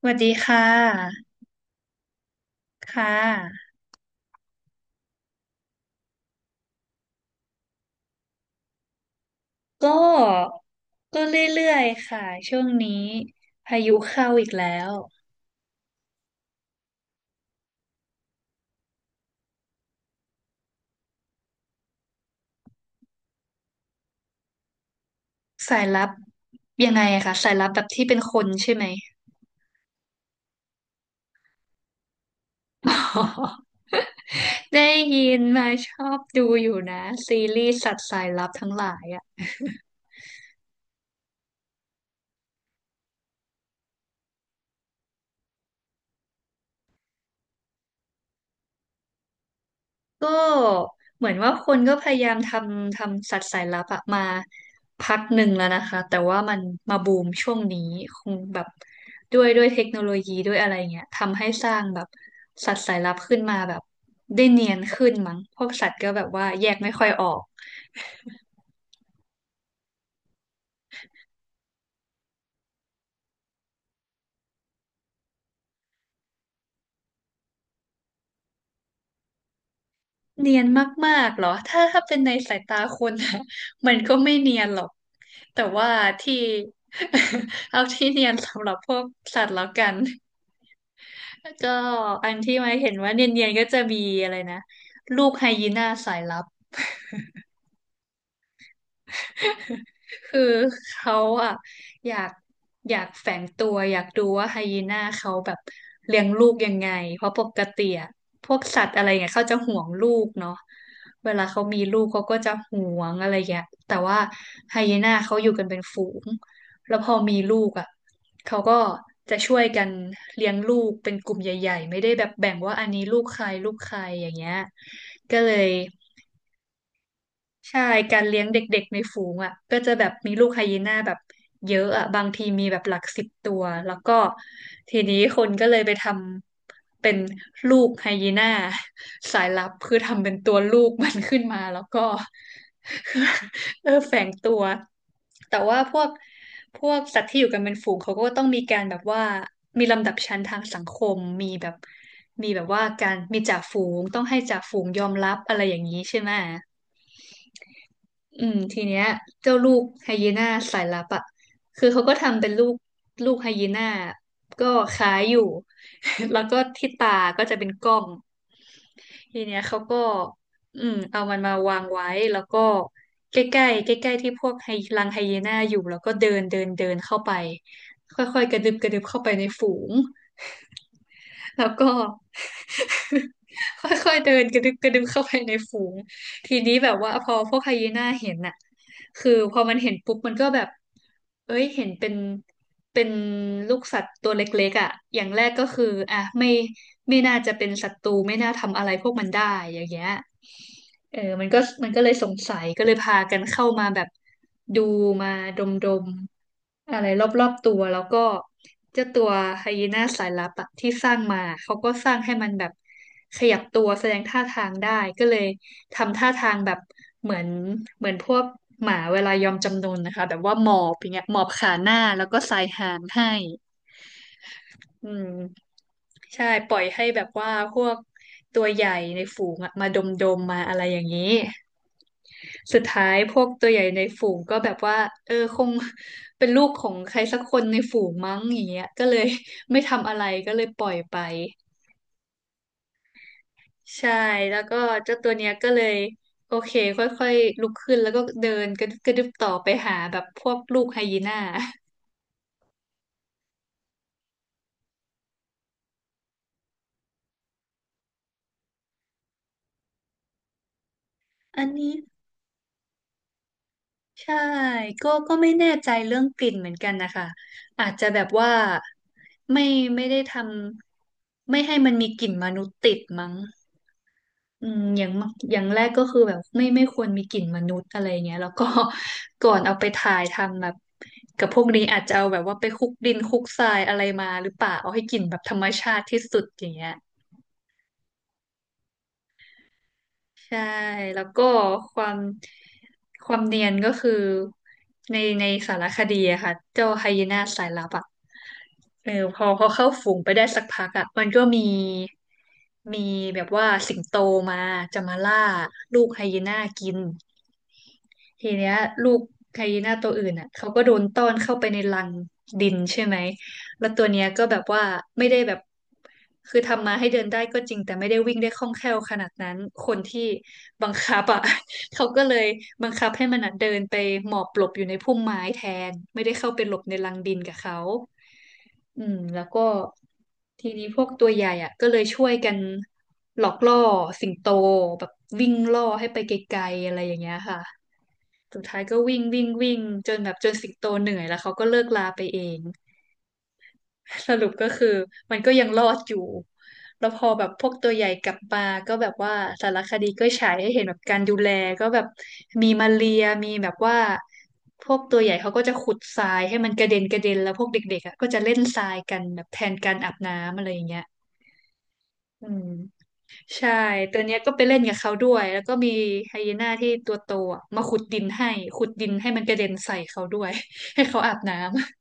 สวัสดีค่ะ ค่ะก็ก็เรื่อยๆค่ะ ช่วงนี้พายุเข้าอีกแล้ว สายลับยังไงอะคะสายลับแบบที่เป็นคนใช่ไหมออ ได้ยินมาชอบดูอยู่นะซีรีส์สัตว์สายลับทั้งหลายอะ ก็เหมือนว่าคนก็พยายามทำสัตว์สายลับอะมาพักหนึ่งแล้วนะคะแต่ว่ามันมาบูมช่วงนี้คงแบบด้วยเทคโนโลยีด้วยอะไรเงี้ยทำให้สร้างแบบสัตว์สายลับขึ้นมาแบบได้เนียนขึ้นมั้งพวกสัตว์ก็แบบว่าแยกไม่ค่อยออกเนียนมากๆเหรอถ้าเป็นในสายตาคนนะ มันก็ไม่เนียนหรอกแต่ว่าที่ เอาที่เนียนสำหรับพวกสัตว์แล้วกัน ก็อันที่ไม่เห็นว่าเนียนๆก็จะมีอะไรนะลูกไฮยีน่าสายลับ คือเขาอ่ะอยากอยากแฝงตัวอยากดูว่าไฮยีน่าเขาแบบเลี้ยงลูกยังไงเพราะปกติอ่ะพวกสัตว์อะไรเงี้ยเขาจะห่วงลูกเนาะเวลาเขามีลูกเขาก็จะห่วงอะไรเงี้ยแต่ว่าไฮยีน่าเขาอยู่กันเป็นฝูงแล้วพอมีลูกอ่ะเขาก็จะช่วยกันเลี้ยงลูกเป็นกลุ่มใหญ่ๆไม่ได้แบบแบ่งว่าอันนี้ลูกใครลูกใครอย่างเงี้ยก็เลย ใช่การเลี้ยงเด็กๆในฝูงอ่ะก็จะแบบมีลูกไฮยีน่าแบบเยอะอ่ะบางทีมีแบบหลักสิบตัว แล้วก็ทีนี้คนก็เลยไปทำเป็นลูกไฮยีน่าสายลับคือทำเป็นตัวลูกมันขึ้นมาแล้วก็ เออแฝงตัว แต่ว่าพวกสัตว์ที่อยู่กันเป็นฝูงเขาก็ต้องมีการแบบว่ามีลำดับชั้นทางสังคมมีแบบมีแบบว่าการมีจ่าฝูงต้องให้จ่าฝูงยอมรับอะไรอย่างนี้ใช่ไหม อืมทีเนี้ยเจ้าลูกไฮยีน่าสายลับอ่ะคือเขาก็ทำเป็นลูกไฮยีน่าก็คล้ายอยู่ แล้วก็ที่ตาก็จะเป็นกล้องทีเนี้ยเขาก็อืมเอามันมาวางไว้แล้วก็ใกล้ๆใกล้ๆที่พวกไฮรังไฮยีน่าอยู่แล้วก็เดินเดินเดินเข้าไปค่อยๆกระดึบกระดึบเข้าไปในฝูงแล้วก็ ค่อยๆเดินกระดึบกระดึบเข้าไปในฝูง ทีนี้แบบว่าพอพวกไฮยีน่าเห็นน่ะคือพอมันเห็นปุ๊บมันก็แบบเอ้ยเห็นเป็นลูกสัตว์ตัวเล็กๆอ่ะอย่างแรกก็คืออ่ะไม่น่าจะเป็นศัตรูไม่น่าทำอะไรพวกมันได้อย่างเงี้ยเออมันก็เลยสงสัยก็เลยพากันเข้ามาแบบดูมาดมๆอะไรรอบๆตัวแล้วก็เจ้าตัวไฮยีน่าสายลับอะที่สร้างมา เขาก็สร้างให้มันแบบขยับตัวแสดงท่าทางได้ก็เลย ทำท่าทางแบบเหมือนเหมือนพวกหมาเวลายอมจำนนนะคะแบบว่าหมอบอย่างเงี้ยหมอบขาหน้าแล้วก็สายหางให้อืมใช่ปล่อยให้แบบว่าพวกตัวใหญ่ในฝูงอะมาดมดมมาอะไรอย่างนี้สุดท้ายพวกตัวใหญ่ในฝูงก็แบบว่าเออคงเป็นลูกของใครสักคนในฝูงมั้งอย่างเงี้ยก็เลยไม่ทำอะไรก็เลยปล่อยไป ใช่แล้วก็เจ้าตัวเนี้ยก็เลยโอเคค่อยๆลุกขึ้นแล้วก็เดินกระดึบกระดึบต่อไปหาแบบพวกลูกไฮยีน่า อันนี้ใช่ก็ไม่แน่ใจเรื่องกลิ่นเหมือนกันนะคะอาจจะแบบว่าไม่ไม่ได้ทำไม่ให้มันมีกลิ่นมนุษย์ติดมั้ง อืมอย่างมากอย่างแรกก็คือแบบไม่ควรมีกลิ่นมนุษย์อะไรเงี้ยแล้วก็ ก่อนเอาไปถ่ายทำแบบกับพวกนี้อาจจะเอาแบบว่าไปคลุกดินคลุกทรายอะไรมาหรือเปล่าเอาให้กลิ่นแบบธรรมชาติที่สุดอย่างเงี้ย ใช่แล้วก็ความความเนียนก็คือในสารคดีอะค่ะเจ้าไฮยีน่าสายลับอะเออพอเข้าฝูงไปได้สักพักอะมันก็มีแบบว่าสิงโตมาจะมาล่าลูกไฮยีน่ากินทีเนี้ยลูกไฮยีน่าตัวอื่นอะเขาก็โดนต้อนเข้าไปในรังดินใช่ไหม แล้วตัวเนี้ยก็แบบว่าไม่ได้แบบคือทำมาให้เดินได้ก็จริงแต่ไม่ได้วิ่งได้คล่องแคล่วขนาดนั้นคนที่บังคับอ่ะ เขาก็เลยบังคับให้มันอะเดินไปหมอบหลบอยู่ในพุ่มไม้แทนไม่ได้เข้าไปหลบในรังดินกับเขาอืมแล้วก็ทีนี้พวกตัวใหญ่อ่ะก็เลยช่วยกันหลอกล่อสิงโตแบบวิ่งล่อให้ไปไกลๆอะไรอย่างเงี้ยค่ะสุดท้ายก็วิ่งวิ่งวิ่งจนแบบจนสิงโตเหนื่อยแล้วเขาก็เลิกลาไปเอง สรุปก็คือมันก็ยังรอดอยู่ แล้วพอแบบพวกตัวใหญ่กลับมาก็แบบว่าสารคดีก็ฉายให้เห็นแบบการดูแลก็แบบมีมาเรียมีแบบว่าพวกตัวใหญ่เขาก็จะขุดทรายให้มันกระเด็นกระเด็นแล้วพวกเด็กๆอ่ะก็จะเล่นทรายกันแบบแทนการอาบน้ำอะไรอย่างเงี้ยอืมใช่ตัวเนี้ยก็ไปเล่นกับเขาด้วยแล้วก็มีไฮยีน่าที่ตัวโตอะมาขุดดินให้ขุดดินให้มันกระเด็นใส่เขาด้วย ให้เขาอาบน้ำ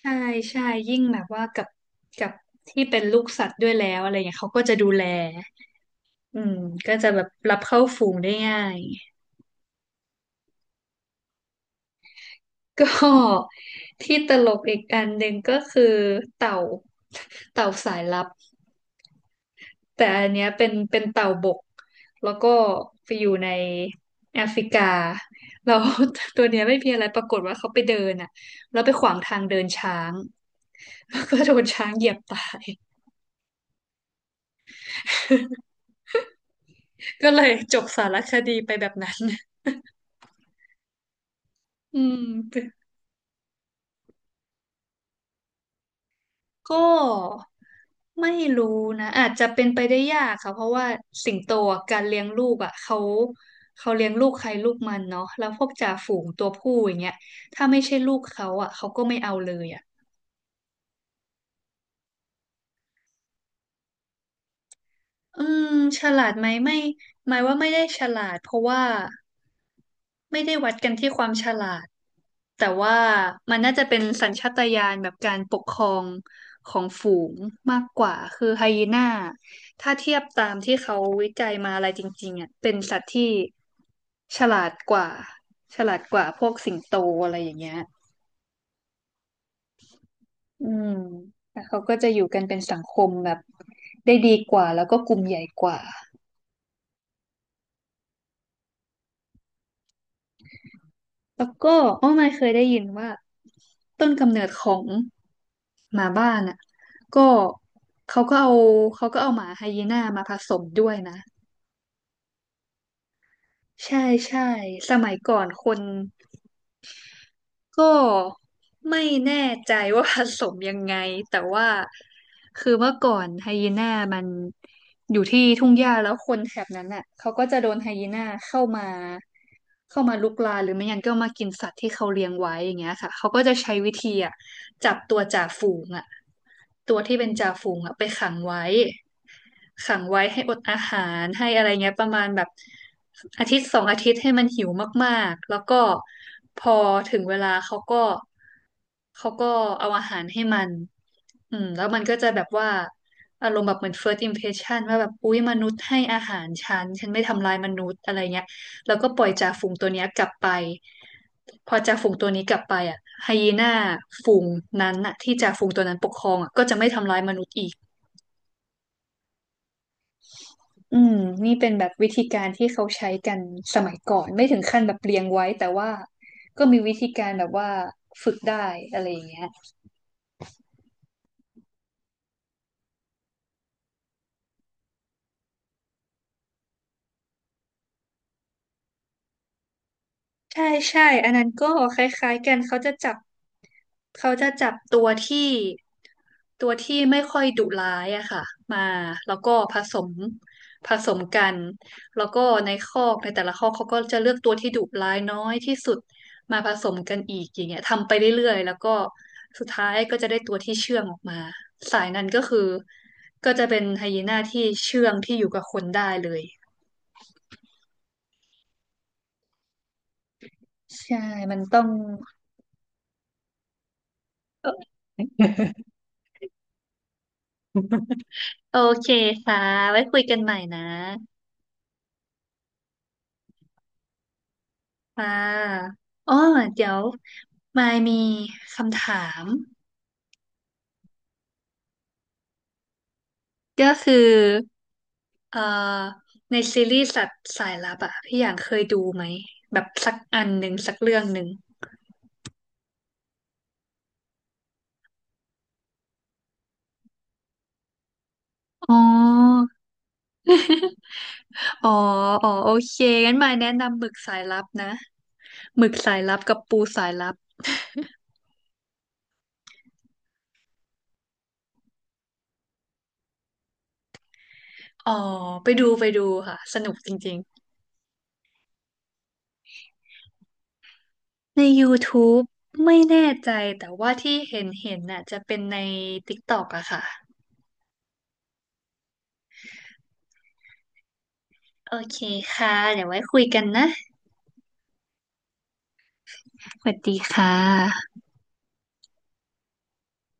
ใช่ใช่ยิ่งแบบว่ากับที่เป็นลูกสัตว์ด้วยแล้วอะไรเงี้ยเขาก็จะดูแลอืมก็จะแบบรับเข้าฝูงได้ง่ายก็ที่ตลกอีกอันหนึ่งก็คือเต่าเต่าสายลับแต่อันเนี้ยเป็นเต่าบกแล้วก็ไปอยู่ในแอฟริกาเรา ตัวเนี้ยไม่มีอะไรปรากฏว่าเขาไปเดินอ่ะแล้วไปขวางทางเดินช้างแล้วก็โดนช้างเหยียบตายก็เลยจบสารคดีไปแบบนั้น อืมก็ไม่รู้นะอาจจะเป็นไปได้ยากค่ะเพราะว่าสิงโตอะการเลี้ยงลูกอ่ะเขาเขาเลี้ยงลูกใครลูกมันเนาะแล้วพวกจ่าฝูงตัวผู้อย่างเงี้ยถ้าไม่ใช่ลูกเขาอ่ะเขาก็ไม่เอาเลยอ่ะ อืมฉลาดไหมไม่หมายว่าไม่ได้ฉลาดเพราะว่าไม่ได้วัดกันที่ความฉลาดแต่ว่ามันน่าจะเป็นสัญชาตญาณแบบการปกครองของฝูงมากกว่าคือไฮยีน่าถ้าเทียบตามที่เขาวิจัยมาอะไรจริงๆอ่ะเป็นสัตว์ที่ฉลาดกว่าฉลาดกว่าพวกสิงโตอะไรอย่างเงี้ยอืมแล้วเขาก็จะอยู่กันเป็นสังคมแบบได้ดีกว่าแล้วก็กลุ่มใหญ่กว่า แล้วก็อ้อไม่เคยได้ยินว่าต้นกำเนิดของหมาบ้านอ่ะก็เขาก็เอาเขาก็เอาหมาไฮยีน่ามาผสมด้วยนะใช่ใช่สมัยก่อนคน ก็ไม่แน่ใจว่าผสมยังไง แต่ว่าคือเมื่อก่อนไฮยีน่ามันอยู่ที่ทุ่งหญ้าแล้วคนแถบนั้นน่ะเขาก็จะโดนไฮยีน่าเข้ามาเข้ามาลุกลานหรือไม่งั้นก็มากินสัตว์ที่เขาเลี้ยงไว้อย่างเงี้ยค่ะเขาก็จะใช้วิธีอ่ะจับตัวจ่าฝูงอ่ะตัวที่เป็นจ่าฝูงอ่ะไปขังไว้ ขังไว้ให้อดอาหารให้อะไรเงี้ยประมาณแบบอาทิตย์สองอาทิตย์ให้มันหิวมากๆแล้วก็พอถึงเวลาเขาก็เอาอาหารให้มันอืมแล้วมันก็จะแบบว่าอารมณ์แบบเหมือน first impression ว่าแบบอุ๊ยมนุษย์ให้อาหารฉันฉันไม่ทำลายมนุษย์อะไรเงี้ยแล้วก็ปล่อยจ่าฝูงตัวเนี้ยกลับไปพอจ่าฝูงตัวนี้กลับไปอ่ะไฮยีน่าฝูงนั้นน่ะที่จ่าฝูงตัวนั้นปกครองอ่ะก็จะไม่ทำร้ายมนุษย์อีก อืมนี่เป็นแบบวิธีการที่เขาใช้กันสมัยก่อนไม่ถึงขั้นแบบเรียงไว้แต่ว่าก็มีวิธีการแบบว่าฝึกได้อะไรอย่างเงี้ย ใช่ใช่ อันนั้นก็คล้ายๆกันเขาจะจับตัวที่ตัวที่ไม่ค่อยดุร้ายอะค่ะมาแล้วก็ผสมผสมกันแล้วก็ในคอกในแต่ละคอกเขาก็จะเลือกตัวที่ดุร้ายน้อยที่สุดมาผสมกันอีกอย่างเงี้ยทำไปเรื่อยๆแล้วก็สุดท้ายก็จะได้ตัวที่เชื่องออกมาสายนั้นก็คือก็จะเป็นไฮยีน่าที่เชื่องที่อยู่กับคนได้เลยใช่มันต้องเออ โอเคค่ะไว้คุยกันใหม่นะค่ะอ๋อเดี๋ยวมายมีคำถามก็คือเอ่อในซีรีส์สัตว์สายลับอะพี่อย่างเคยดูไหมแบบสักอันหนึ่งสักเรื่องหนึ่งอ๋อ อ๋ออ๋อโอเคงั้นมายแนะนำหมึกสายลับนะหมึกสายลับกับปูสายลับอ๋อไปดูไปดูค่ะสนุกจริงๆ ใน YouTube ไม่แน่ใจแต่ว่าที่เห็นเห็นน่ะจะเป็นใน TikTok อะค่ะโอเคค่ะเดี๋ยวไว้คุยกันนะสวัสดีค่ะ